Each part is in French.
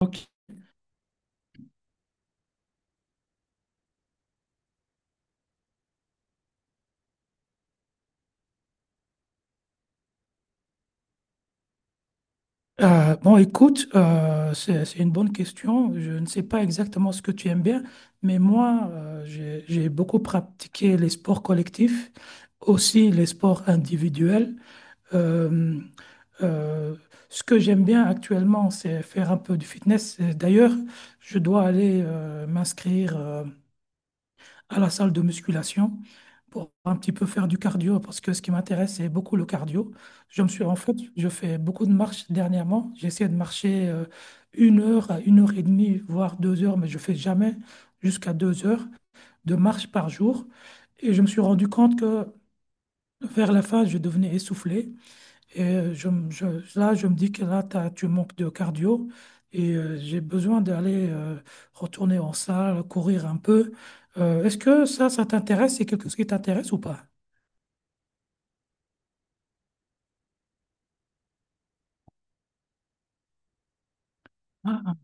Ok. Bon, écoute, c'est une bonne question. Je ne sais pas exactement ce que tu aimes bien, mais moi, j'ai beaucoup pratiqué les sports collectifs, aussi les sports individuels. Euh, euh, Ce que j'aime bien actuellement, c'est faire un peu du fitness. Et d'ailleurs, je dois aller m'inscrire à la salle de musculation pour un petit peu faire du cardio parce que ce qui m'intéresse, c'est beaucoup le cardio. En fait, je fais beaucoup de marches dernièrement. J'essaie de marcher une heure à une heure et demie, voire 2 heures, mais je fais jamais jusqu'à 2 heures de marche par jour. Et je me suis rendu compte que vers la fin, je devenais essoufflé. Et là, je me dis que tu manques de cardio et j'ai besoin d'aller retourner en salle, courir un peu. Est-ce que ça t'intéresse? C'est quelque chose qui t'intéresse ou pas? Ah,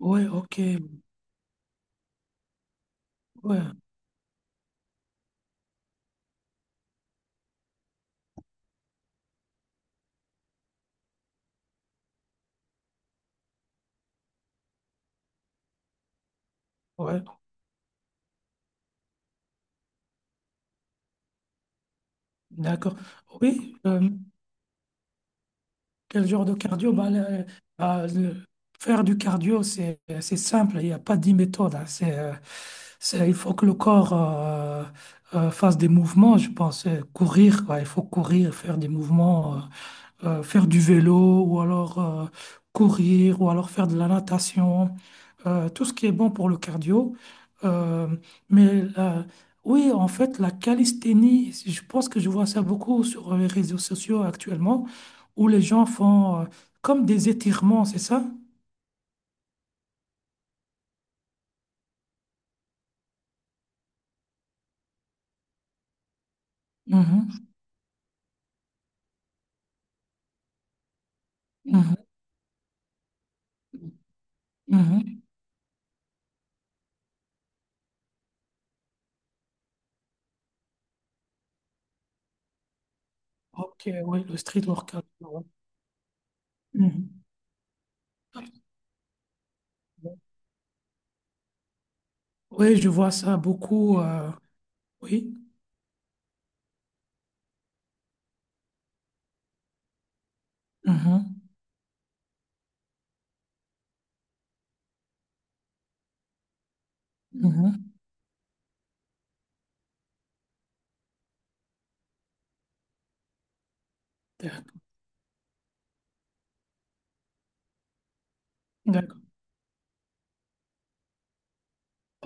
ouais, ok, ouais, ouais, d'accord. Oui, quel genre de cardio? Bah, le- Faire du cardio, c'est simple, il n'y a pas dix méthodes. Hein. C'est, il faut que le corps fasse des mouvements, je pense. Courir, quoi. Il faut courir, faire des mouvements, faire du vélo, ou alors courir, ou alors faire de la natation tout ce qui est bon pour le cardio. Euh, mais la- oui, en fait, la calisthénie, je pense que je vois ça beaucoup sur les réseaux sociaux actuellement, où les gens font comme des étirements, c'est ça? Mhm, mhm, mhm. Ok, oui, le street workout. Ouais. Mhm. Oui, je vois ça beaucoup. Oui. Mhm, mhm. D'accord. D'accord.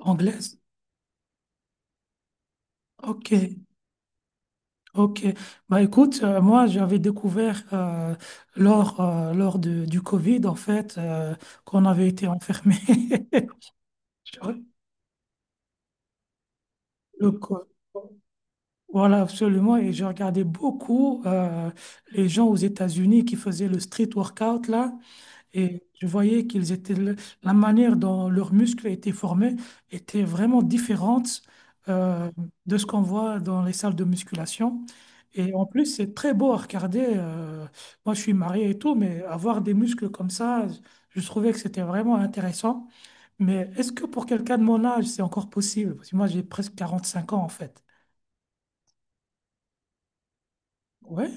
Anglaise? Ok. Ok, bah écoute, moi j'avais découvert lors du Covid en fait qu'on avait été enfermé. Le co- Voilà, absolument. Et je regardais beaucoup les gens aux États-Unis qui faisaient le street workout là. Et je voyais qu'ils étaient, la manière dont leurs muscles étaient formés était vraiment différente euh, de ce qu'on voit dans les salles de musculation. Et en plus, c'est très beau à regarder. Moi, je suis marié et tout, mais avoir des muscles comme ça, je trouvais que c'était vraiment intéressant. Mais est-ce que pour quelqu'un de mon âge, c'est encore possible? Parce que moi, j'ai presque 45 ans, en fait. Ouais,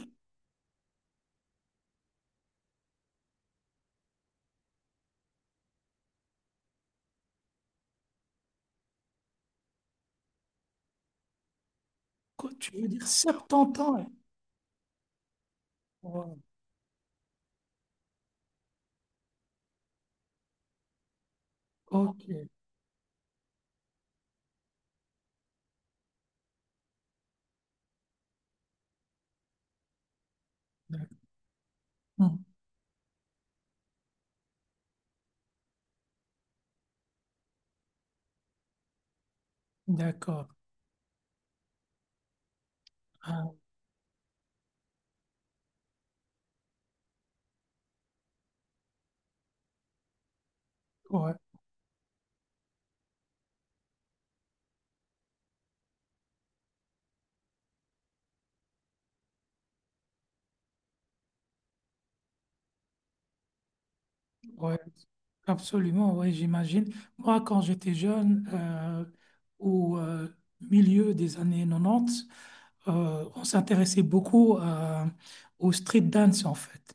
quoi, tu veux dire 70 ans? Hein. Ouais, ok, d'ac- hmm, d'accord. Ah, ouais, ouais. Absolument, oui, j'imagine. Moi, quand j'étais jeune, au milieu des années 90, on s'intéressait beaucoup au street dance, en fait.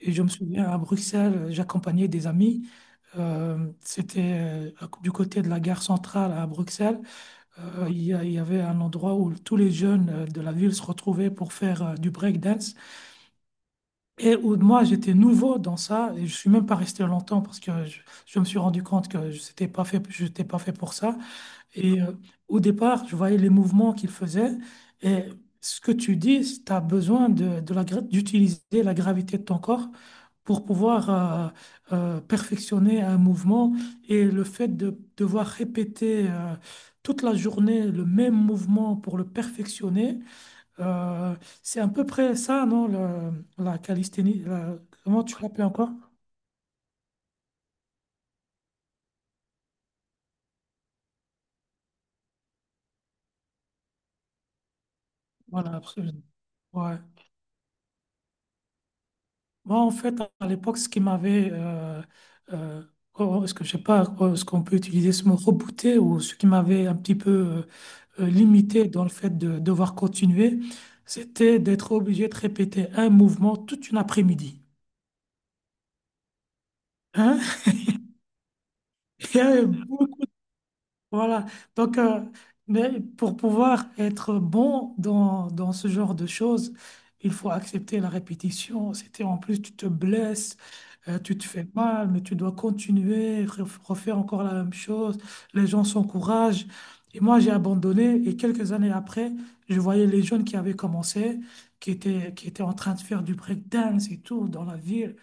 Et je me souviens, à Bruxelles, j'accompagnais des amis. C'était Du côté de la gare centrale à Bruxelles. Il y avait un endroit où tous les jeunes de la ville se retrouvaient pour faire du breakdance. Et où moi, j'étais nouveau dans ça, et je suis même pas resté longtemps parce que je me suis rendu compte que je n'étais pas fait pour ça. Et au départ, je voyais les mouvements qu'il faisait. Et ce que tu dis, tu as besoin d'utiliser la gravité de ton corps pour pouvoir perfectionner un mouvement. Et le fait de devoir répéter toute la journée le même mouvement pour le perfectionner, euh, c'est à peu près ça, non, la calisthénie, comment tu l'appelles encore? Voilà, absolument. Ouais. Moi, en fait, à l'époque, ce qui m'avait, euh, oh, ce que je sais pas, oh, ce qu'on peut utiliser ce mot rebooté ou ce qui m'avait un petit peu limité dans le fait de devoir continuer, c'était d'être obligé de répéter un mouvement toute une après-midi. Hein? Il y avait beaucoup. Voilà. Donc, mais pour pouvoir être bon dans ce genre de choses, il faut accepter la répétition. C'était en plus, tu te blesses, tu te fais mal, mais tu dois continuer, refaire encore la même chose. Les gens s'encouragent. Et moi, j'ai abandonné. Et quelques années après, je voyais les jeunes qui avaient commencé, qui étaient en train de faire du breakdance et tout dans la ville.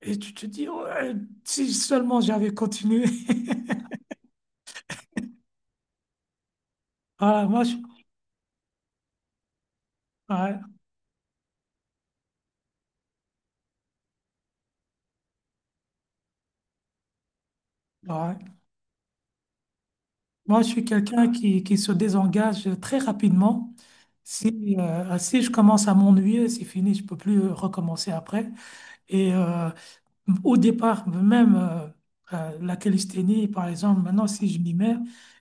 Et tu te dis, ouais, si seulement j'avais continué. Voilà, moi, je... Ouais, ouais. Moi, je suis quelqu'un qui se désengage très rapidement. Si je commence à m'ennuyer, c'est fini, je peux plus recommencer après. Et au départ, même la calisthénie, par exemple, maintenant, si je m'y mets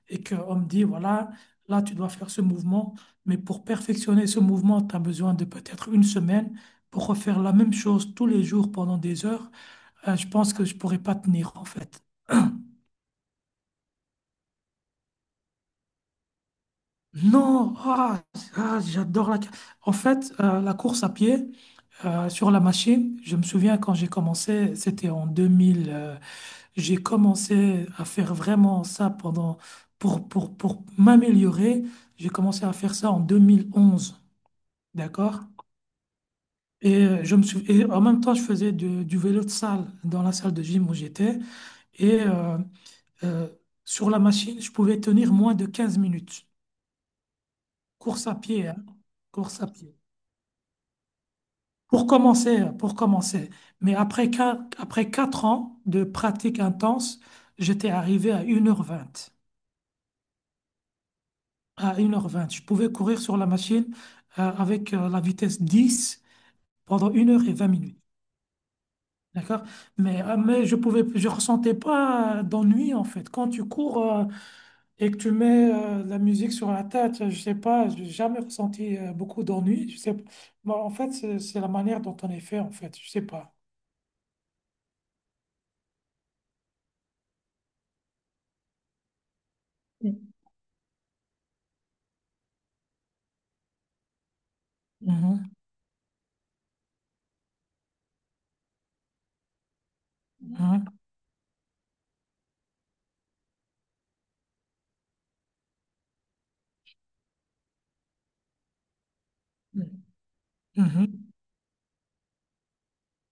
et qu'on me dit, voilà, là, tu dois faire ce mouvement, mais pour perfectionner ce mouvement, tu as besoin de peut-être une semaine pour refaire la même chose tous les jours pendant des heures, je pense que je pourrais pas tenir, en fait. Non, ah, ah, j'adore la... En fait, la course à pied sur la machine, je me souviens quand j'ai commencé, c'était en 2000, j'ai commencé à faire vraiment ça pendant, pour m'améliorer, j'ai commencé à faire ça en 2011, d'accord? Et en même temps, je faisais du vélo de salle dans la salle de gym où j'étais. Et euh, sur la machine, je pouvais tenir moins de 15 minutes. Course à pied, hein, course à pied. Pour commencer, pour commencer. Mais après 4 ans de pratique intense, j'étais arrivé à 1h20. À une heure vingt. Je pouvais courir sur la machine avec la vitesse 10 pendant 1h20. D'accord? Mais je pouvais, je ressentais pas d'ennui en fait. Quand tu cours et que tu mets la musique sur la tête, je sais pas, j'ai jamais ressenti beaucoup d'ennui. Je sais, bon, en fait, c'est la manière dont on est fait en fait. Je sais pas. Mm. Mhm, mhm. Mhm. Mhm.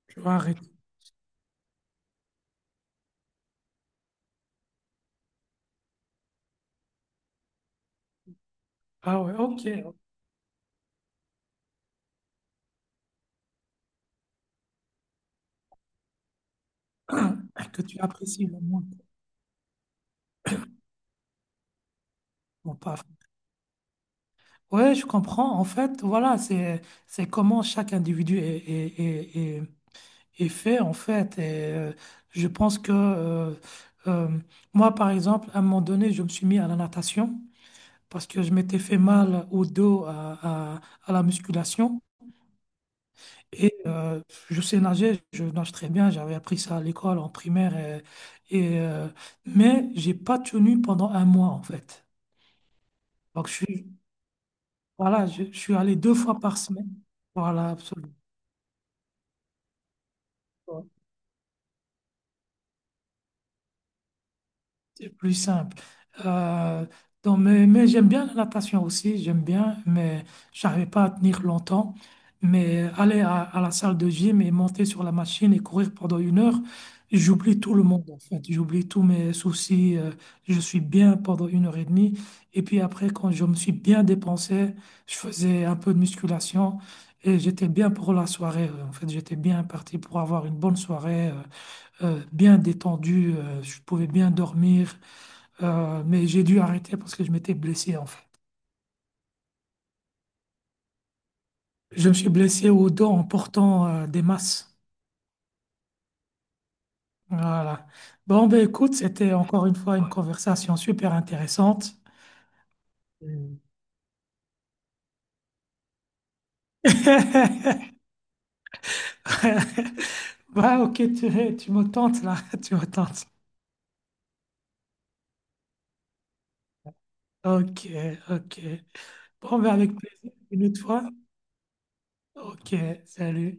Tu vas arrêter. Ah ouais, ok, que tu apprécies le moins ton taf. Ouais, je comprends. En fait, voilà, c'est comment chaque individu est fait, en fait. Et, euh, je pense que euh, moi, par exemple, à un moment donné, je me suis mis à la natation parce que je m'étais fait mal au dos à la musculation. Et je sais nager, je nage très bien, j'avais appris ça à l'école, en primaire, et, et, euh, mais j'ai pas tenu pendant un mois en fait. Donc je suis, voilà, je suis allé 2 fois par semaine. Voilà, absolument. C'est plus simple. Euh, donc, mais j'aime bien la natation aussi, j'aime bien, mais j'arrivais pas à tenir longtemps. Mais aller à la salle de gym et monter sur la machine et courir pendant une heure, j'oublie tout le monde en fait. J'oublie tous mes soucis. Je suis bien pendant une heure et demie. Et puis après, quand je me suis bien dépensé, je faisais un peu de musculation et j'étais bien pour la soirée. En fait, j'étais bien parti pour avoir une bonne soirée, bien détendue. Je pouvais bien dormir. Mais j'ai dû arrêter parce que je m'étais blessé en fait. Je me suis blessé au dos en portant des masses. Voilà. Bon, ben écoute, c'était encore une fois une conversation super intéressante. Mm. Ouais, ok, tu me tentes là, tu me tentes. Ok, ok. Bon, ben avec plaisir, une autre fois. Ok, salut.